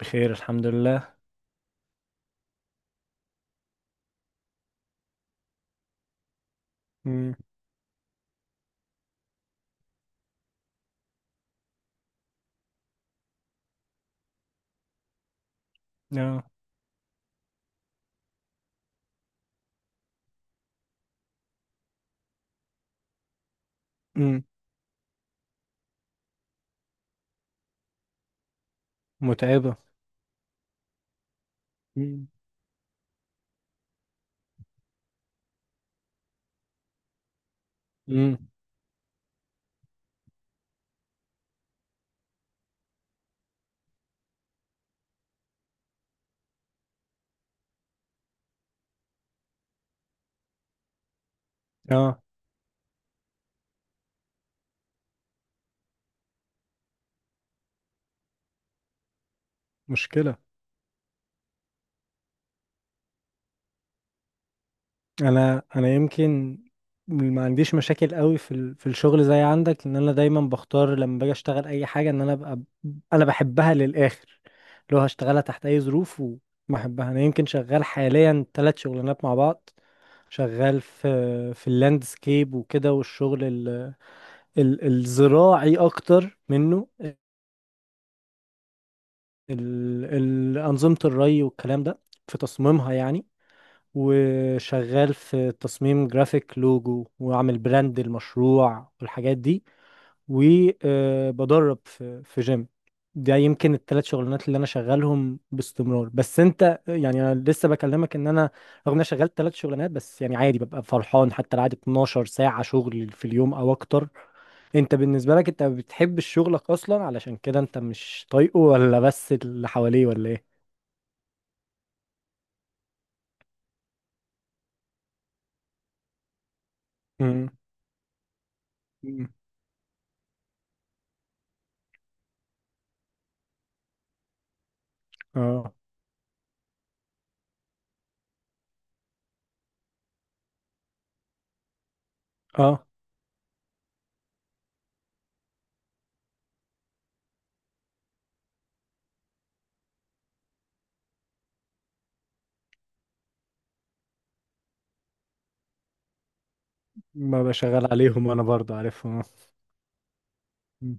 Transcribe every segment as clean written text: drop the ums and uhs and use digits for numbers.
بخير، الحمد لله. امم. اه. امم. متعبة. امم. امم. اه. مشكلة. انا يمكن ما عنديش مشاكل قوي في الشغل زي عندك، ان انا دايما بختار لما باجي اشتغل اي حاجة ان انا ابقى، انا بحبها للاخر لو هشتغلها تحت اي ظروف وما احبها. انا يمكن شغال حاليا ثلاث شغلانات مع بعض، شغال في اللاندسكيب وكده، والشغل الزراعي اكتر منه، أنظمة الري والكلام ده في تصميمها يعني. وشغال في تصميم جرافيك، لوجو، وعامل براند المشروع والحاجات دي. وبدرب في جيم. ده يمكن الثلاث شغلانات اللي انا شغالهم باستمرار. بس انت يعني انا لسه بكلمك ان انا، رغم ان انا شغال ثلاث شغلانات، بس يعني عادي ببقى فرحان حتى لو قعدت 12 ساعة شغل في اليوم او اكتر. انت بالنسبة لك انت بتحب شغلك اصلا علشان كده انت مش طايقه، ولا بس اللي حواليه، ولا ايه؟ امم. أمم. اه. اه. ما بشغل عليهم انا برضه عارفهم، آه. أمم.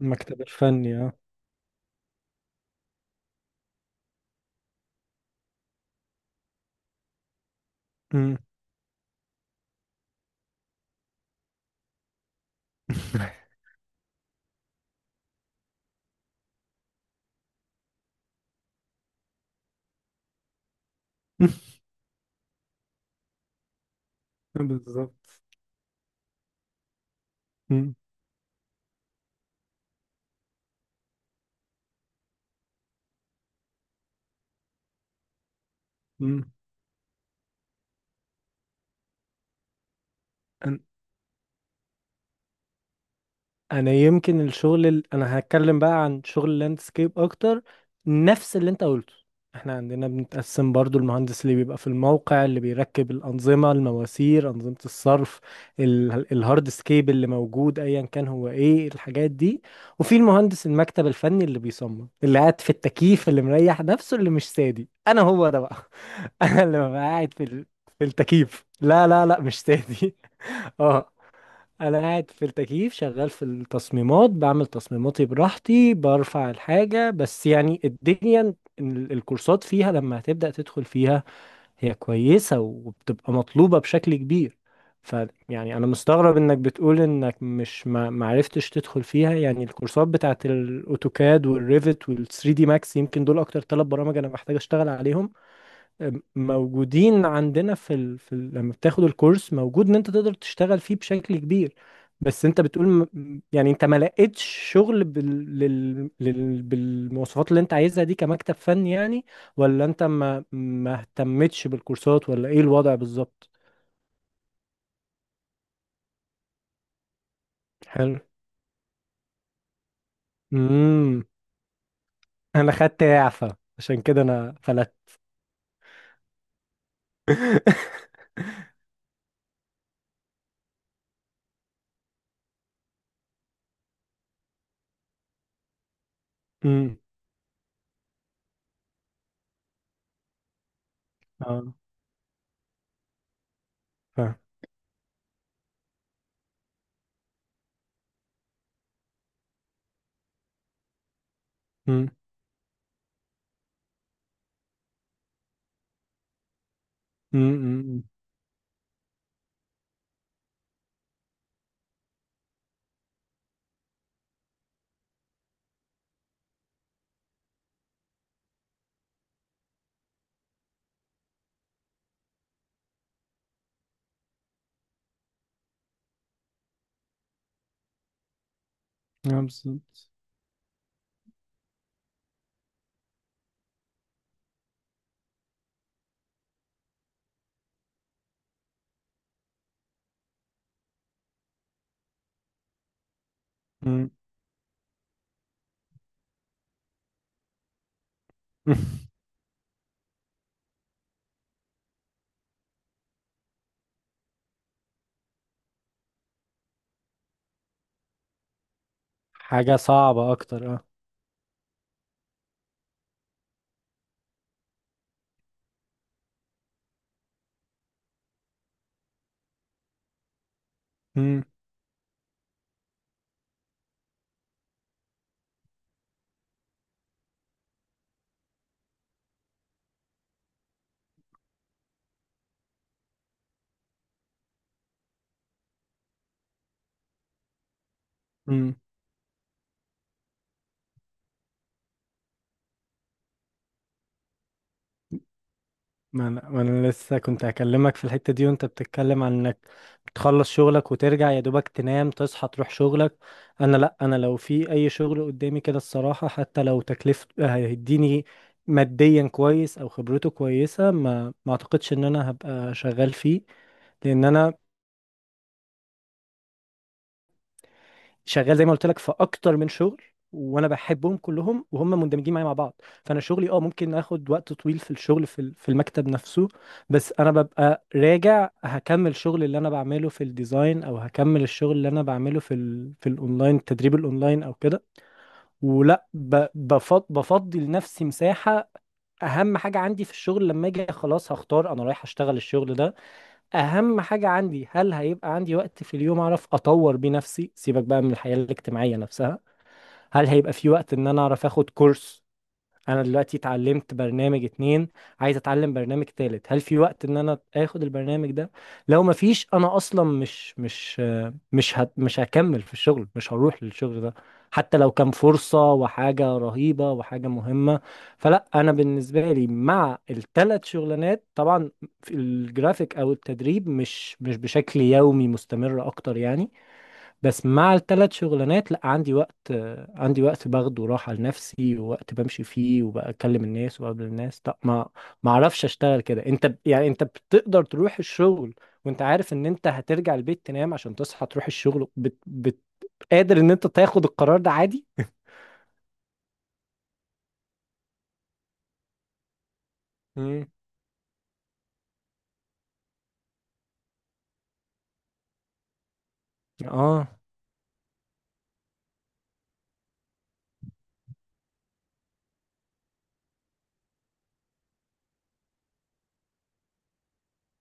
المكتب الفني، اه. أمم. بالظبط. أمم. أمم. انا يمكن الشغل انا هتكلم بقى عن شغل اللاندسكيب اكتر، نفس اللي انت قلته. احنا عندنا بنتقسم برضو، المهندس اللي بيبقى في الموقع اللي بيركب الانظمه، المواسير، انظمه الصرف، الهارد سكيب اللي موجود ايا كان هو ايه الحاجات دي، وفي المهندس المكتب الفني اللي بيصمم اللي قاعد في التكييف اللي مريح نفسه اللي مش سادي، انا هو ده بقى. انا اللي ببقى قاعد في التكييف. لا لا لا، مش سادي. اه. انا قاعد في التكييف، شغال في التصميمات، بعمل تصميماتي براحتي، برفع الحاجة. بس يعني الدنيا الكورسات فيها لما هتبدأ تدخل فيها هي كويسة وبتبقى مطلوبة بشكل كبير. فيعني انا مستغرب انك بتقول انك مش ما معرفتش تدخل فيها، يعني الكورسات بتاعت الاوتوكاد والريفت وال3 دي ماكس، يمكن دول اكتر ثلاث برامج انا محتاج اشتغل عليهم، موجودين عندنا لما بتاخد الكورس موجود ان انت تقدر تشتغل فيه بشكل كبير. بس انت بتقول يعني انت ما لقيتش شغل بالمواصفات اللي انت عايزها دي كمكتب فني يعني، ولا انت ما اهتمتش بالكورسات، ولا ايه الوضع بالظبط؟ حلو. امم. انا خدت اعفاء، عشان كده انا فلت. امم. اه. فاهم. امم. امم. أمم. آه، بالظبط. امم. حاجة صعبة أكتر، أه. مم. مم. ما أنا لسه كنت هكلمك في الحتة دي، وأنت بتتكلم عن إنك بتخلص شغلك وترجع يا دوبك تنام، تصحى تروح شغلك. أنا لأ، أنا لو في أي شغل قدامي كده، الصراحة حتى لو تكلفة هيديني ماديا كويس أو خبرته كويسة، ما أعتقدش إن أنا هبقى شغال فيه، لأن أنا شغال زي ما قلت لك في اكتر من شغل، وانا بحبهم كلهم، وهم مندمجين معايا مع بعض. فانا شغلي ممكن اخد وقت طويل في الشغل، في المكتب نفسه، بس انا ببقى راجع هكمل الشغل اللي انا بعمله في الديزاين، او هكمل الشغل اللي انا بعمله في الاونلاين، التدريب الاونلاين او كده، ولا بفضي لنفسي مساحة. اهم حاجة عندي في الشغل لما اجي خلاص هختار انا رايح اشتغل الشغل ده، اهم حاجة عندي هل هيبقى عندي وقت في اليوم اعرف اطور بيه نفسي، سيبك بقى من الحياة الاجتماعية نفسها. هل هيبقى في وقت ان انا اعرف اخد كورس؟ انا دلوقتي اتعلمت برنامج اتنين، عايز اتعلم برنامج تالت، هل في وقت ان انا اخد البرنامج ده؟ لو ما فيش، انا اصلا مش هكمل في الشغل، مش هروح للشغل ده، حتى لو كان فرصة وحاجة رهيبة وحاجة مهمة. فلا، انا بالنسبة لي مع الثلاث شغلانات، طبعا في الجرافيك او التدريب مش بشكل يومي مستمر اكتر يعني، بس مع الثلاث شغلانات لا، عندي وقت عندي وقت باخده راحة لنفسي، ووقت بمشي فيه وبكلم الناس وبقابل الناس. لا، ما اعرفش اشتغل كده. انت يعني انت بتقدر تروح الشغل وانت عارف ان انت هترجع البيت تنام عشان تصحى تروح الشغل، قادر ان انت تاخد القرار ده عادي؟ مم. اه.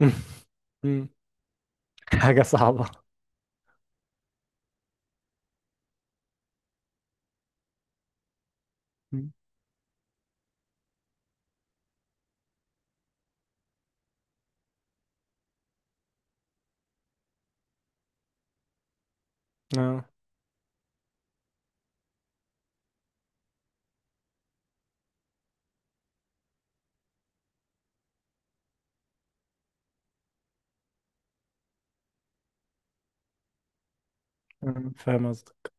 مم. حاجة صعبة. مم. اه. آه، فاهم قصدك.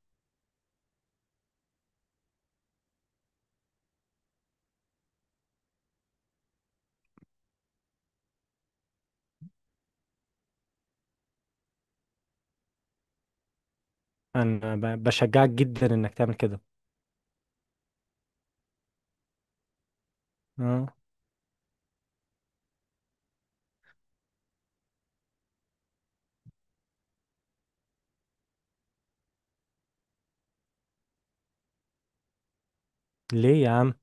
انا بشجعك جدا انك تعمل كده. اه، ليه يا عم؟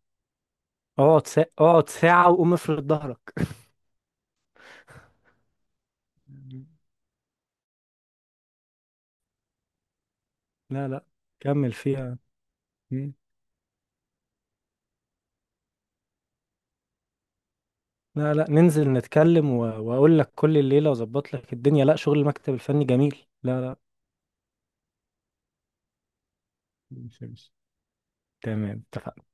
اقعد اقعد ساعة وقوم افرد ظهرك. لا لا، كمل فيها. مم. لا لا، ننزل نتكلم واقول لك كل الليلة واظبط لك الدنيا، لا، شغل المكتب الفني جميل، لا لا. ماشي، ماشي. تمام، اتفقنا.